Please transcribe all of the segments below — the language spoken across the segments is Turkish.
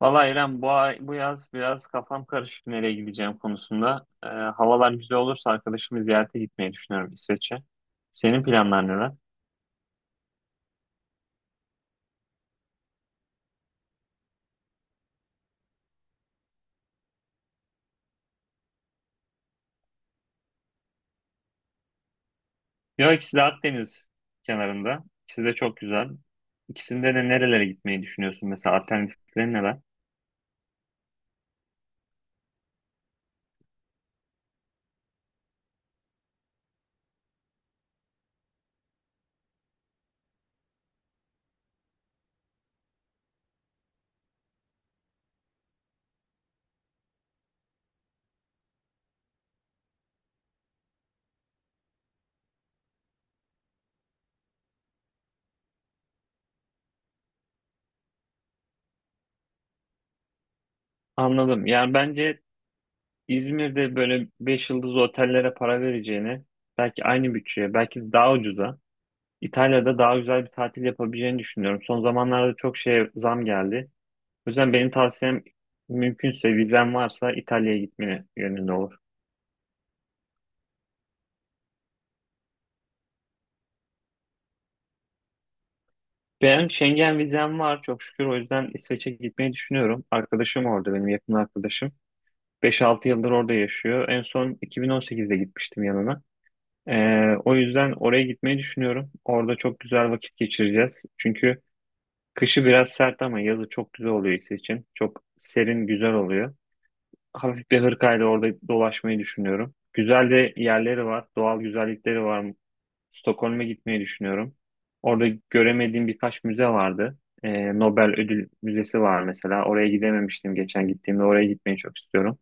Valla İrem bu yaz biraz kafam karışık nereye gideceğim konusunda. Havalar güzel olursa arkadaşımı ziyarete gitmeyi düşünüyorum İsveç'e. Senin planlar neler? Yok, ikisi de Akdeniz kenarında. İkisi de çok güzel. İkisinde de nerelere gitmeyi düşünüyorsun mesela, alternatifleri neler? Anladım. Yani bence İzmir'de böyle 5 yıldız otellere para vereceğini, belki aynı bütçeye, belki daha ucuza İtalya'da daha güzel bir tatil yapabileceğini düşünüyorum. Son zamanlarda çok şeye zam geldi. O yüzden benim tavsiyem, mümkünse, vizen varsa, İtalya'ya gitmeni yönünde olur. Ben Schengen vizem var çok şükür, o yüzden İsveç'e gitmeyi düşünüyorum. Arkadaşım orada, benim yakın arkadaşım, beş altı yıldır orada yaşıyor. En son 2018'de gitmiştim yanına. O yüzden oraya gitmeyi düşünüyorum. Orada çok güzel vakit geçireceğiz. Çünkü kışı biraz sert ama yazı çok güzel oluyor için çok serin, güzel oluyor. Hafif bir hırkayla orada dolaşmayı düşünüyorum. Güzel de yerleri var, doğal güzellikleri var. Stockholm'e gitmeyi düşünüyorum. Orada göremediğim birkaç müze vardı. Nobel Ödül Müzesi var mesela. Oraya gidememiştim geçen gittiğimde. Oraya gitmeyi çok istiyorum.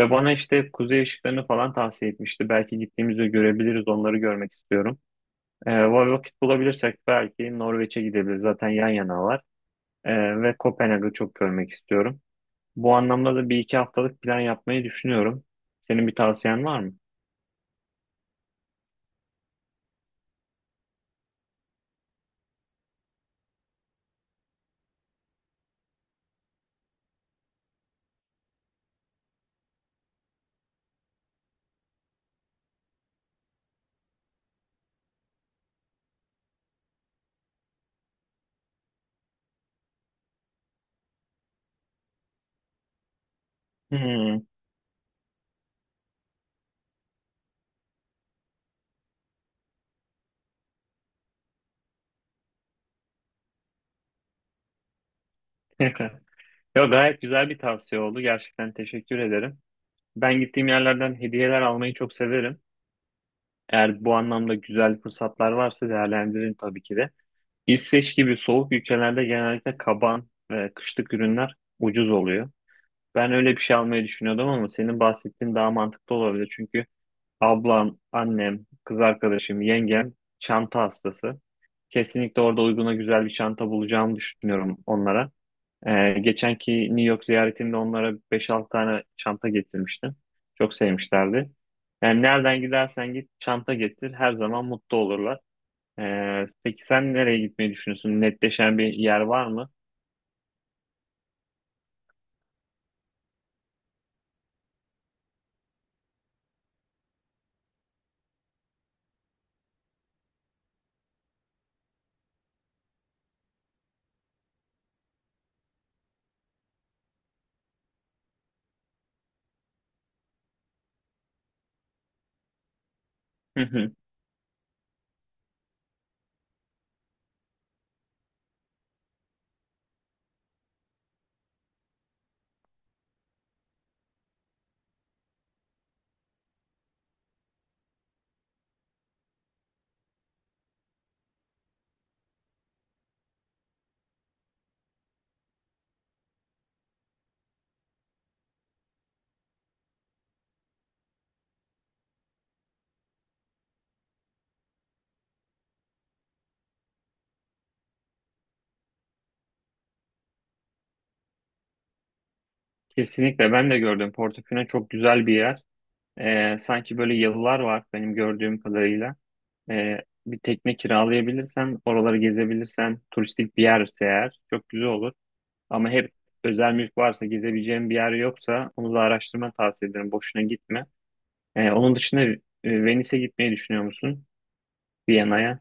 Ve bana işte kuzey ışıklarını falan tavsiye etmişti. Belki gittiğimizde görebiliriz. Onları görmek istiyorum. Vakit bulabilirsek belki Norveç'e gidebiliriz. Zaten yan yanalar. Ve Kopenhag'ı çok görmek istiyorum. Bu anlamda da bir iki haftalık plan yapmayı düşünüyorum. Senin bir tavsiyen var mı? Hmm. Yo, gayet güzel bir tavsiye oldu. Gerçekten teşekkür ederim. Ben gittiğim yerlerden hediyeler almayı çok severim. Eğer bu anlamda güzel fırsatlar varsa değerlendiririm tabii ki de. İsveç gibi soğuk ülkelerde genellikle kaban ve kışlık ürünler ucuz oluyor. Ben öyle bir şey almayı düşünüyordum ama senin bahsettiğin daha mantıklı olabilir. Çünkü ablam, annem, kız arkadaşım, yengem çanta hastası. Kesinlikle orada uyguna güzel bir çanta bulacağımı düşünüyorum onlara. Geçenki New York ziyaretimde onlara beş altı tane çanta getirmiştim. Çok sevmişlerdi. Yani nereden gidersen git, çanta getir. Her zaman mutlu olurlar. Peki sen nereye gitmeyi düşünüyorsun? Netleşen bir yer var mı? Hı hı. Kesinlikle ben de gördüm. Portofino çok güzel bir yer. Sanki böyle yalılar var benim gördüğüm kadarıyla. Ee, Bir tekne kiralayabilirsen, oraları gezebilirsen, turistik bir yerse eğer çok güzel olur. Ama hep, özel mülk varsa, gezebileceğin bir yer yoksa onu da araştırma tavsiye ederim. Boşuna gitme. Onun dışında Venice'e gitmeyi düşünüyor musun? Viyana'ya.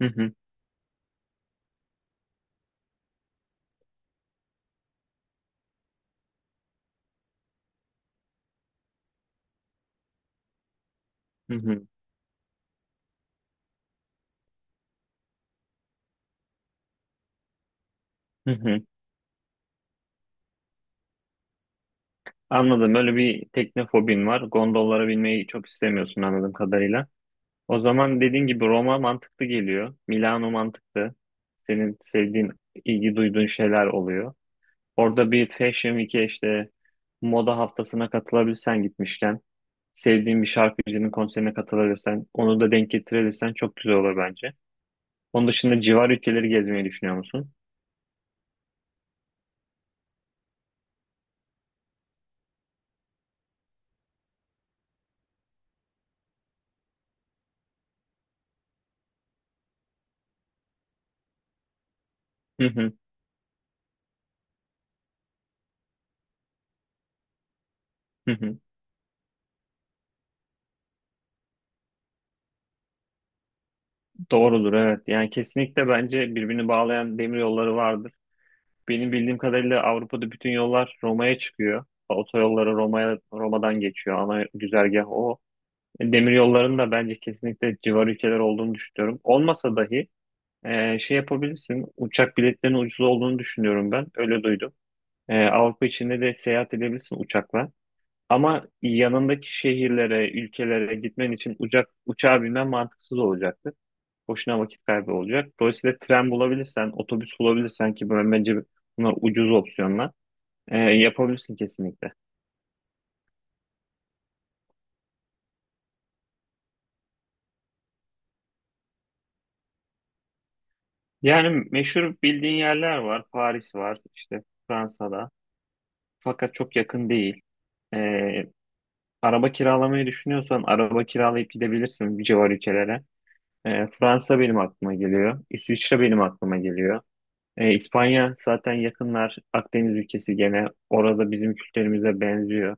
Hı hı, hı hı, hı hı. Anladım. Böyle bir tekne fobin var. Gondollara binmeyi çok istemiyorsun anladığım kadarıyla. O zaman dediğin gibi Roma mantıklı geliyor. Milano mantıklı. Senin sevdiğin, ilgi duyduğun şeyler oluyor. Orada bir Fashion Week'e, işte moda haftasına katılabilsen gitmişken, sevdiğin bir şarkıcının konserine katılabilirsen, onu da denk getirebilirsen çok güzel olur bence. Onun dışında civar ülkeleri gezmeyi düşünüyor musun? Hı hı, hı hı. Doğrudur, evet. Yani kesinlikle bence birbirini bağlayan demir yolları vardır. Benim bildiğim kadarıyla Avrupa'da bütün yollar Roma'ya çıkıyor. Otoyolları Roma'dan geçiyor. Ana güzergah o. E, demir yollarının da bence kesinlikle civar ülkeler olduğunu düşünüyorum. Olmasa dahi şey yapabilirsin. Uçak biletlerinin ucuz olduğunu düşünüyorum ben. Öyle duydum. Avrupa içinde de seyahat edebilirsin uçakla. Ama yanındaki şehirlere, ülkelere gitmen için uçağa binmen mantıksız olacaktır. Boşuna vakit kaybı olacak. Dolayısıyla tren bulabilirsen, otobüs bulabilirsen, ki bence bunlar ucuz opsiyonlar. Yapabilirsin kesinlikle. Yani meşhur bildiğin yerler var. Paris var, işte Fransa'da. Fakat çok yakın değil. Ee, Araba kiralamayı düşünüyorsan araba kiralayıp gidebilirsin bir civar ülkelere. Fransa benim aklıma geliyor. İsviçre benim aklıma geliyor. İspanya zaten yakınlar. Akdeniz ülkesi gene. Orada bizim kültürümüze benziyor.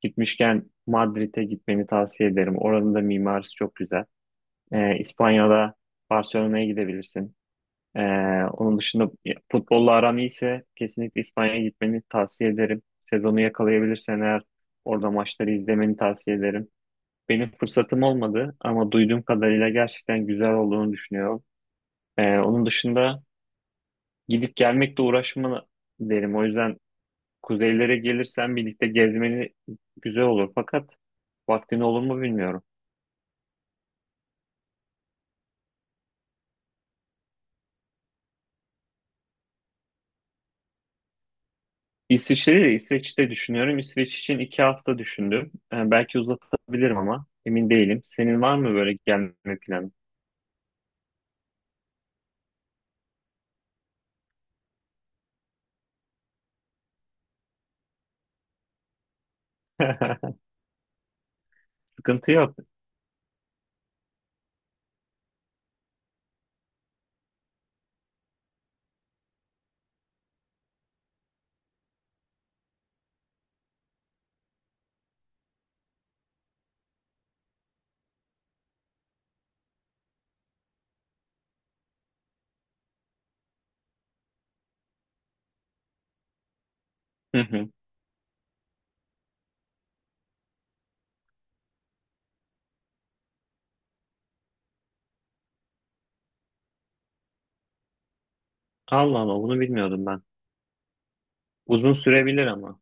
Gitmişken Madrid'e gitmeni tavsiye ederim. Oranın da mimarisi çok güzel. İspanya'da Barcelona'ya gidebilirsin. Ee, Onun dışında futbolla aran iyiyse kesinlikle İspanya'ya gitmeni tavsiye ederim. Sezonu yakalayabilirsen eğer orada maçları izlemeni tavsiye ederim. Benim fırsatım olmadı ama duyduğum kadarıyla gerçekten güzel olduğunu düşünüyorum. Onun dışında gidip gelmekle uğraşma derim. O yüzden kuzeylere gelirsen birlikte gezmeni güzel olur. Fakat vaktin olur mu bilmiyorum. İsviçre'yi de İsveç'te düşünüyorum. İsveç için iki hafta düşündüm. Belki uzatabilirim ama emin değilim. Senin var mı böyle gelme planı? Sıkıntı yok. Hı hı. Allah Allah, bunu bilmiyordum ben. Uzun sürebilir ama.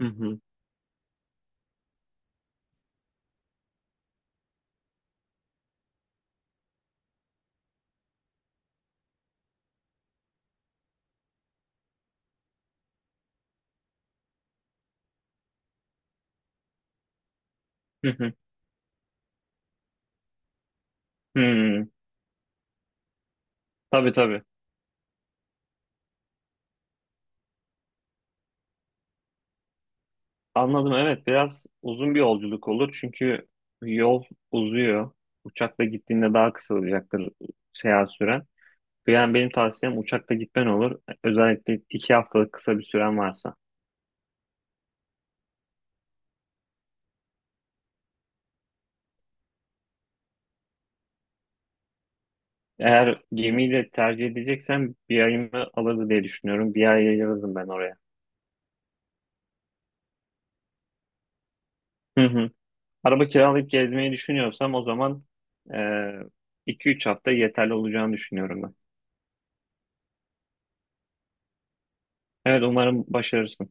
Hı hı. Hı hı. Hı. Tabii tabii. Anladım, evet, biraz uzun bir yolculuk olur çünkü yol uzuyor. Uçakla gittiğinde daha kısa olacaktır seyahat süren. Yani benim tavsiyem uçakla gitmen olur. Özellikle iki haftalık kısa bir süren varsa. Eğer gemiyle tercih edeceksen bir ayımı alırdı diye düşünüyorum. Bir ay ayırırdım ben oraya. Hı hı. Araba kiralayıp gezmeyi düşünüyorsam o zaman e, iki üç hafta yeterli olacağını düşünüyorum ben. Evet, umarım başarırsın.